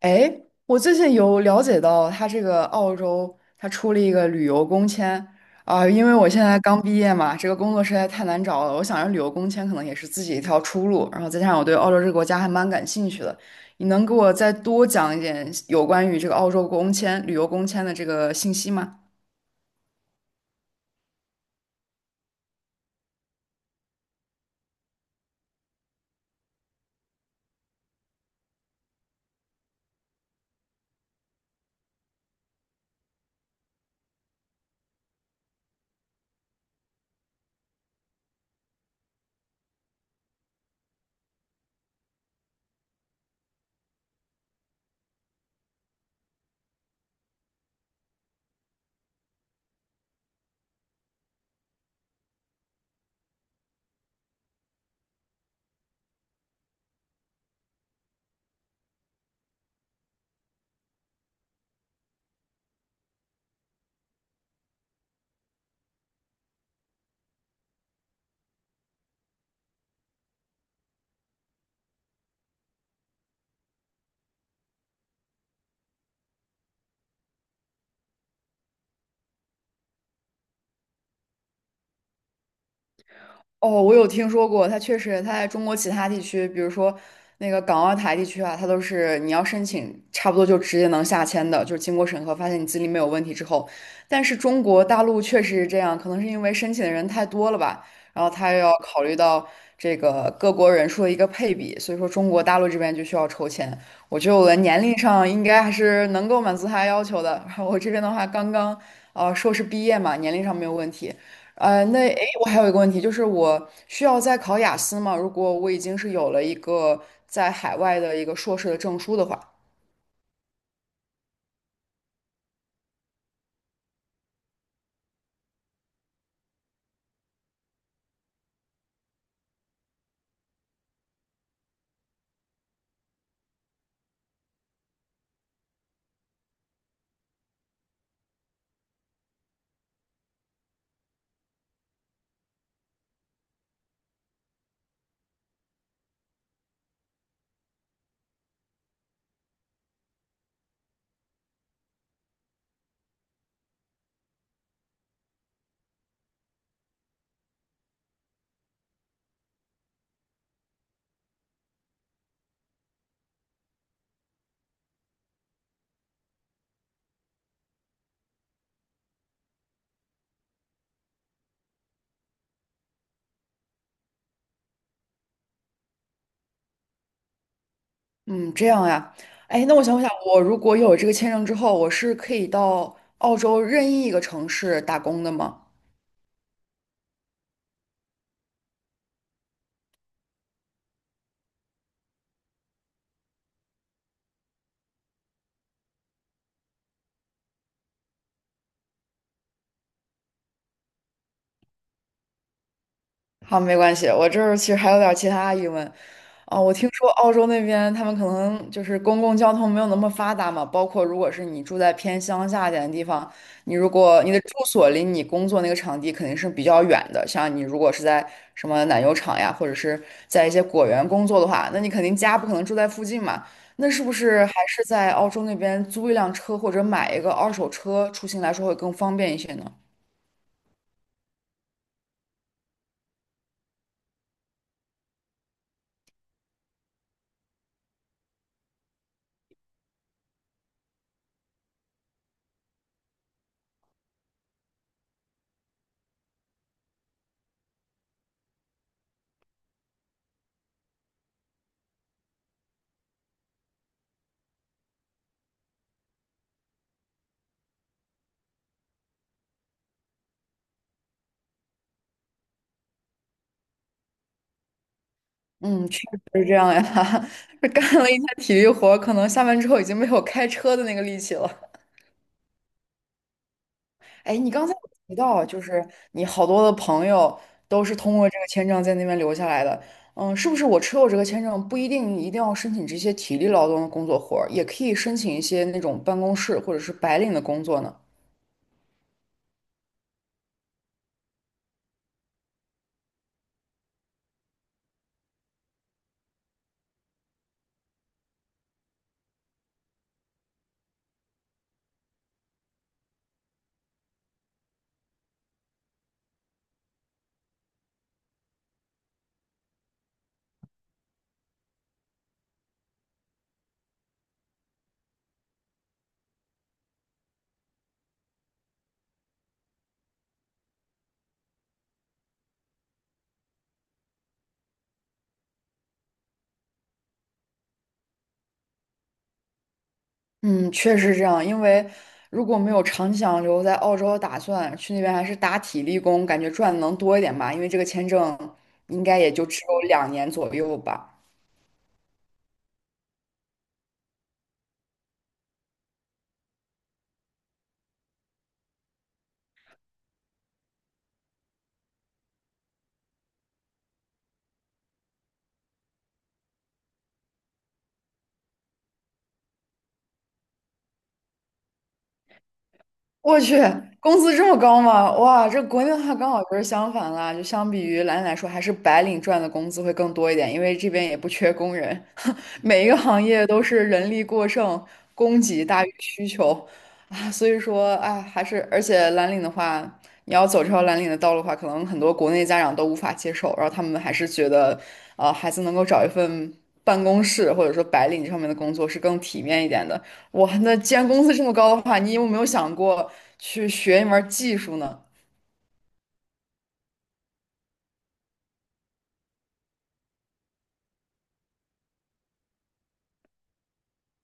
哎，我最近有了解到，他这个澳洲他出了一个旅游工签啊，因为我现在刚毕业嘛，这个工作实在太难找了，我想着旅游工签可能也是自己一条出路，然后再加上我对澳洲这个国家还蛮感兴趣的，你能给我再多讲一点有关于这个澳洲工签、旅游工签的这个信息吗？哦，我有听说过，它确实，它在中国其他地区，比如说那个港澳台地区啊，它都是你要申请，差不多就直接能下签的，就是经过审核发现你资历没有问题之后。但是中国大陆确实是这样，可能是因为申请的人太多了吧，然后他又要考虑到这个各国人数的一个配比，所以说中国大陆这边就需要抽签。我觉得我的年龄上应该还是能够满足他要求的，然后我这边的话刚刚硕士毕业嘛，年龄上没有问题。那诶，我还有一个问题，就是我需要再考雅思吗？如果我已经是有了一个在海外的一个硕士的证书的话，嗯，这样呀。哎，那我想想，我如果有这个签证之后，我是可以到澳洲任意一个城市打工的吗？好，没关系，我这儿其实还有点儿其他疑问。哦，我听说澳洲那边他们可能就是公共交通没有那么发达嘛，包括如果是你住在偏乡下一点的地方，你如果你的住所离你工作那个场地肯定是比较远的。像你如果是在什么奶油厂呀，或者是在一些果园工作的话，那你肯定家不可能住在附近嘛。那是不是还是在澳洲那边租一辆车或者买一个二手车出行来说会更方便一些呢？嗯，确实是这样呀。这干了一天体力活，可能下班之后已经没有开车的那个力气了。哎，你刚才有提到，就是你好多的朋友都是通过这个签证在那边留下来的。嗯，是不是我持有这个签证不一定一定要申请这些体力劳动的工作活儿，也可以申请一些那种办公室或者是白领的工作呢？嗯，确实是这样。因为如果没有长期想留在澳洲的打算，去那边还是打体力工，感觉赚的能多一点吧。因为这个签证应该也就只有2年左右吧。我去，工资这么高吗？哇，这国内的话刚好就是相反啦，就相比于蓝领来说，还是白领赚的工资会更多一点，因为这边也不缺工人，每一个行业都是人力过剩，供给大于需求啊，所以说，哎，而且蓝领的话，你要走这条蓝领的道路的话，可能很多国内家长都无法接受，然后他们还是觉得，孩子能够找一份办公室或者说白领上面的工作是更体面一点的。哇，那既然工资这么高的话，你有没有想过去学一门儿技术呢？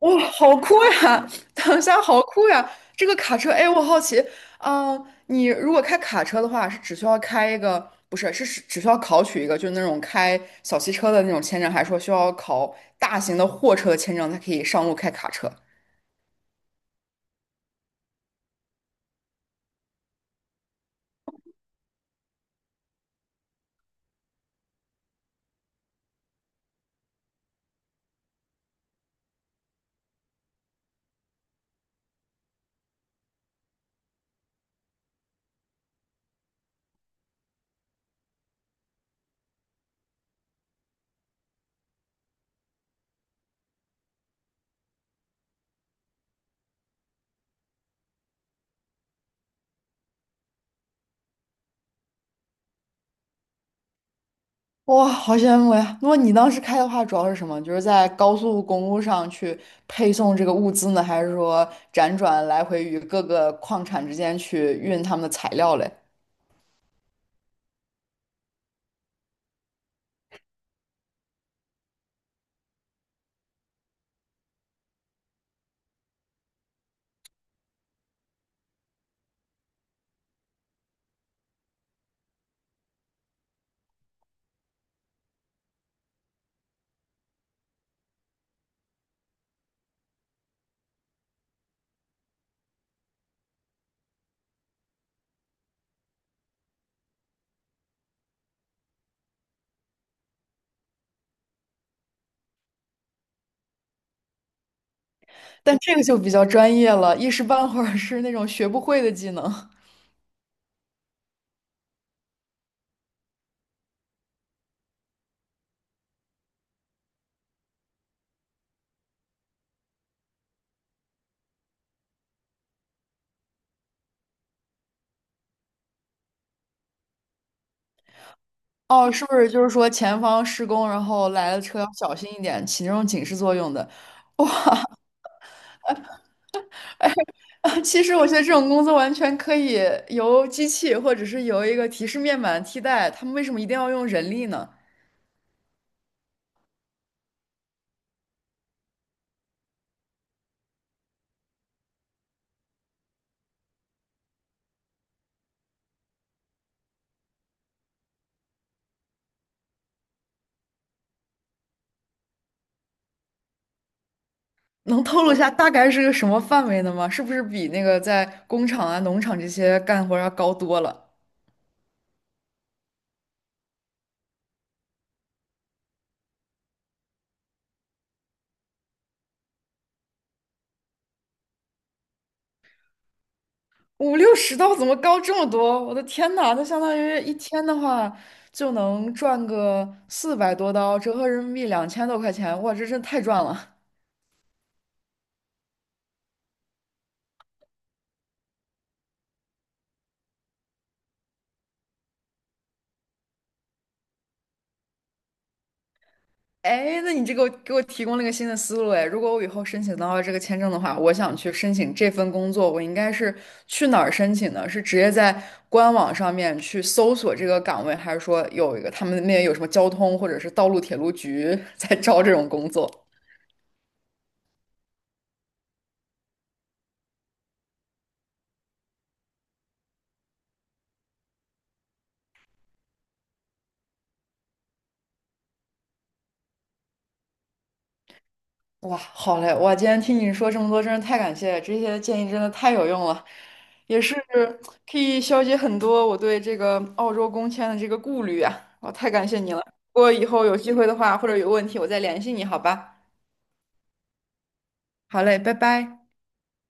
哇，好酷呀！等一下，好酷呀！这个卡车，哎，我好奇，啊、你如果开卡车的话，是只需要开一个，不是，是只需要考取一个，就是那种开小汽车的那种签证，还是说需要考大型的货车的签证才可以上路开卡车？哇，好羡慕呀！那么你当时开的话，主要是什么？就是在高速公路上去配送这个物资呢，还是说辗转来回于各个矿产之间去运他们的材料嘞？但这个就比较专业了，一时半会儿是那种学不会的技能。哦，是不是就是说前方施工，然后来的车要小心一点，起那种警示作用的？啊，其实我觉得这种工作完全可以由机器或者是由一个提示面板替代，他们为什么一定要用人力呢？能透露一下大概是个什么范围的吗？是不是比那个在工厂啊、农场这些干活要高多了？五六十刀怎么高这么多？我的天呐，那相当于一天的话就能赚个400多刀，折合人民币2000多块钱，哇，这真太赚了！哎，那你这个给我提供了一个新的思路哎。如果我以后申请到了这个签证的话，我想去申请这份工作，我应该是去哪儿申请呢？是直接在官网上面去搜索这个岗位，还是说有一个他们那边有什么交通或者是道路铁路局 在招这种工作？哇，好嘞！哇，今天听你说这么多，真是太感谢了，这些建议真的太有用了，也是可以消解很多我对这个澳洲工签的这个顾虑啊！哇，太感谢你了。如果以后有机会的话，或者有问题，我再联系你，好吧？好嘞，拜拜。